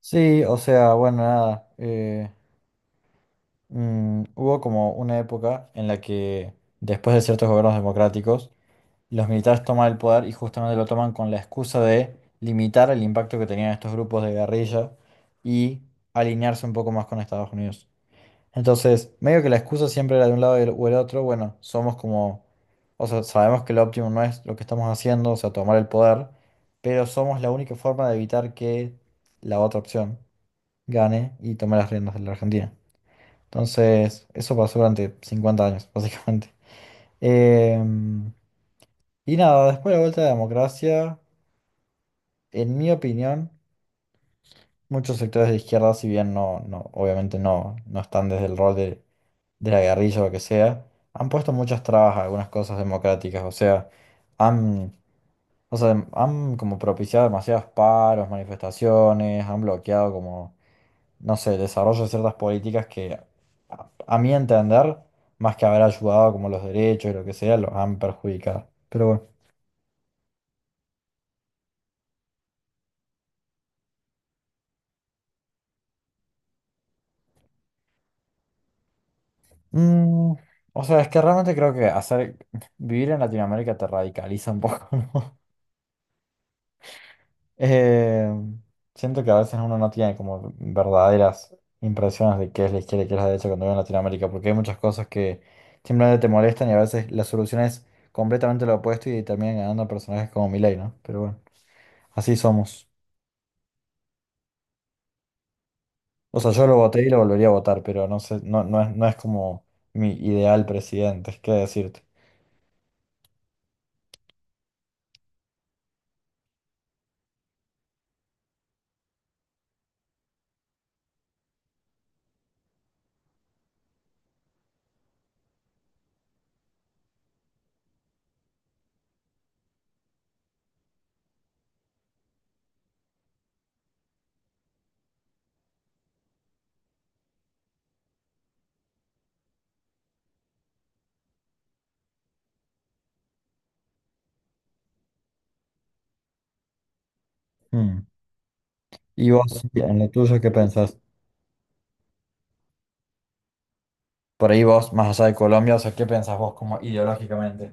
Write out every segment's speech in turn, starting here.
Sí, o sea, bueno, nada. Hubo como una época en la que, después de ciertos gobiernos democráticos, los militares toman el poder y justamente lo toman con la excusa de limitar el impacto que tenían estos grupos de guerrilla y alinearse un poco más con Estados Unidos. Entonces, medio que la excusa siempre era de un lado y o el otro, bueno, somos como, o sea, sabemos que lo óptimo no es lo que estamos haciendo, o sea, tomar el poder, pero somos la única forma de evitar que la otra opción gane y tome las riendas de la Argentina. Entonces, eso pasó durante 50 años, básicamente. Em, y nada, después de la vuelta de la democracia, en mi opinión, muchos sectores de izquierda, si bien no, no, obviamente no, no están desde el rol de la guerrilla o lo que sea, han puesto muchas trabas a algunas cosas democráticas, han, o sea, han como propiciado demasiados paros, manifestaciones, han bloqueado como no sé, desarrollo de ciertas políticas que a mi entender, más que haber ayudado como los derechos y lo que sea, los han perjudicado. Pero bueno. Mm, o sea, es que realmente creo que hacer vivir en Latinoamérica te radicaliza un poco, ¿no? Eh, Siento que a veces uno no tiene como verdaderas impresiones de qué es la izquierda y qué es la derecha cuando vive en Latinoamérica, porque hay muchas cosas que simplemente te molestan y a veces la solución es completamente lo opuesto y terminan ganando personajes como Milei, ¿no? Pero bueno, así somos. O sea, yo lo voté y lo volvería a votar, pero no sé, no, no es, como mi ideal presidente, es que decirte. Hmm. ¿Y vos, en lo tuyo, qué pensás? Por ahí vos, más allá de Colombia, o sea, ¿qué pensás vos como ideológicamente?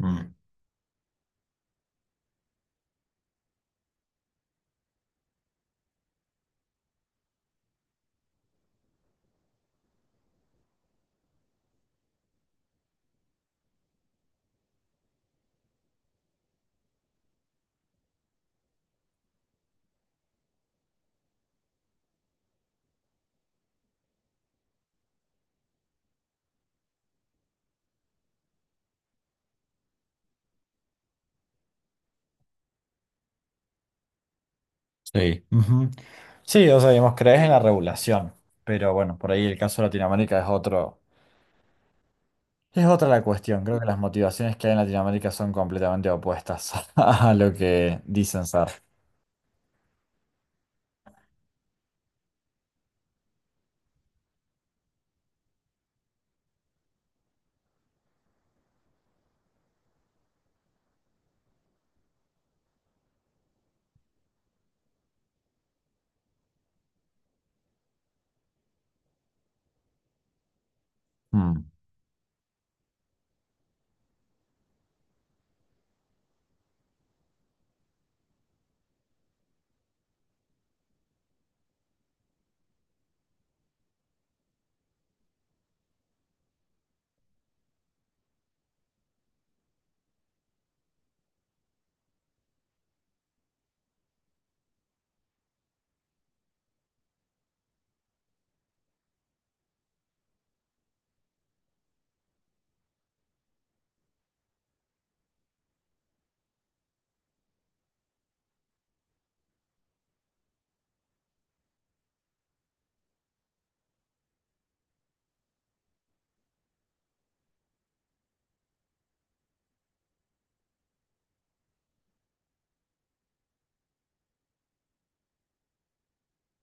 Mm. Sí. Ujú. Sí, o sea, digamos, crees en la regulación, pero bueno, por ahí el caso de Latinoamérica es otro, es otra la cuestión. Creo que las motivaciones que hay en Latinoamérica son completamente opuestas a lo que dicen ser. Mm.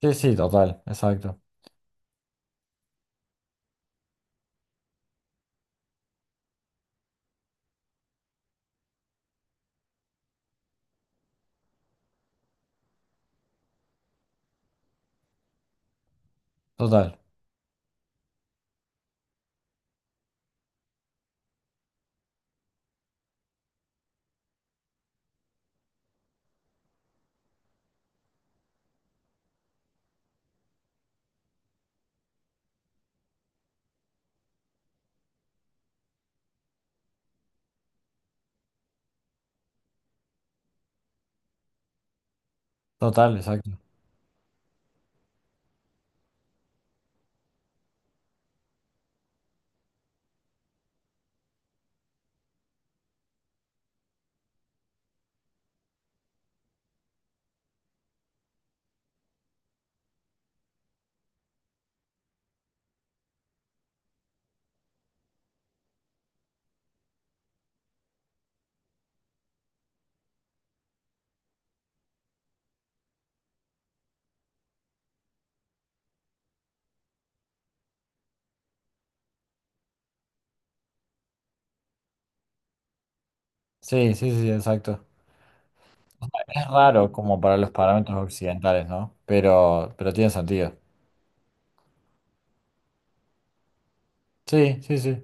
Sí, sí, total, exacto. Total, total, exacto. Sí, sí, sí, exacto. Es raro como para los parámetros occidentales, ¿no? Pero tiene sentido. Sí, sí, sí.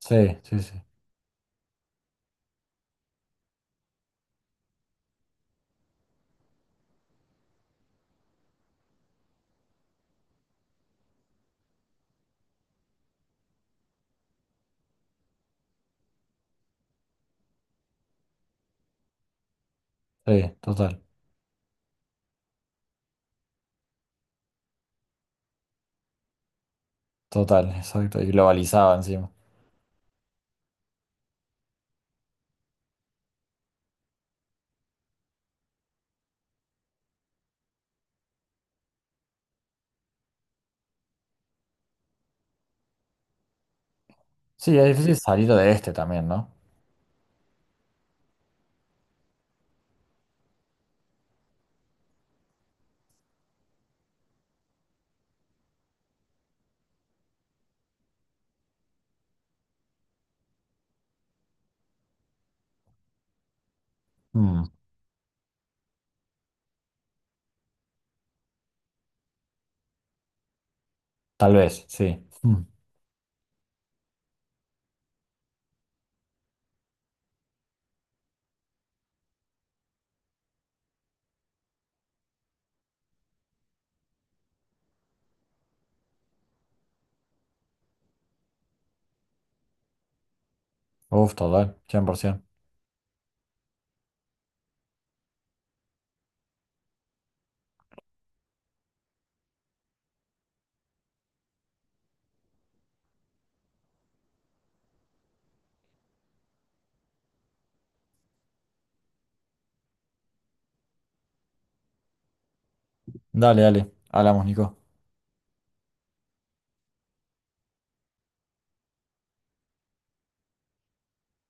Sí, sí, sí. Sí, total. Total, exacto. Y globalizado encima. Sí, es difícil salir de este también, ¿no? Mm, tal vez, sí. Mm. Uf, total, 100%. Dale, dale. Hablamos, Nico.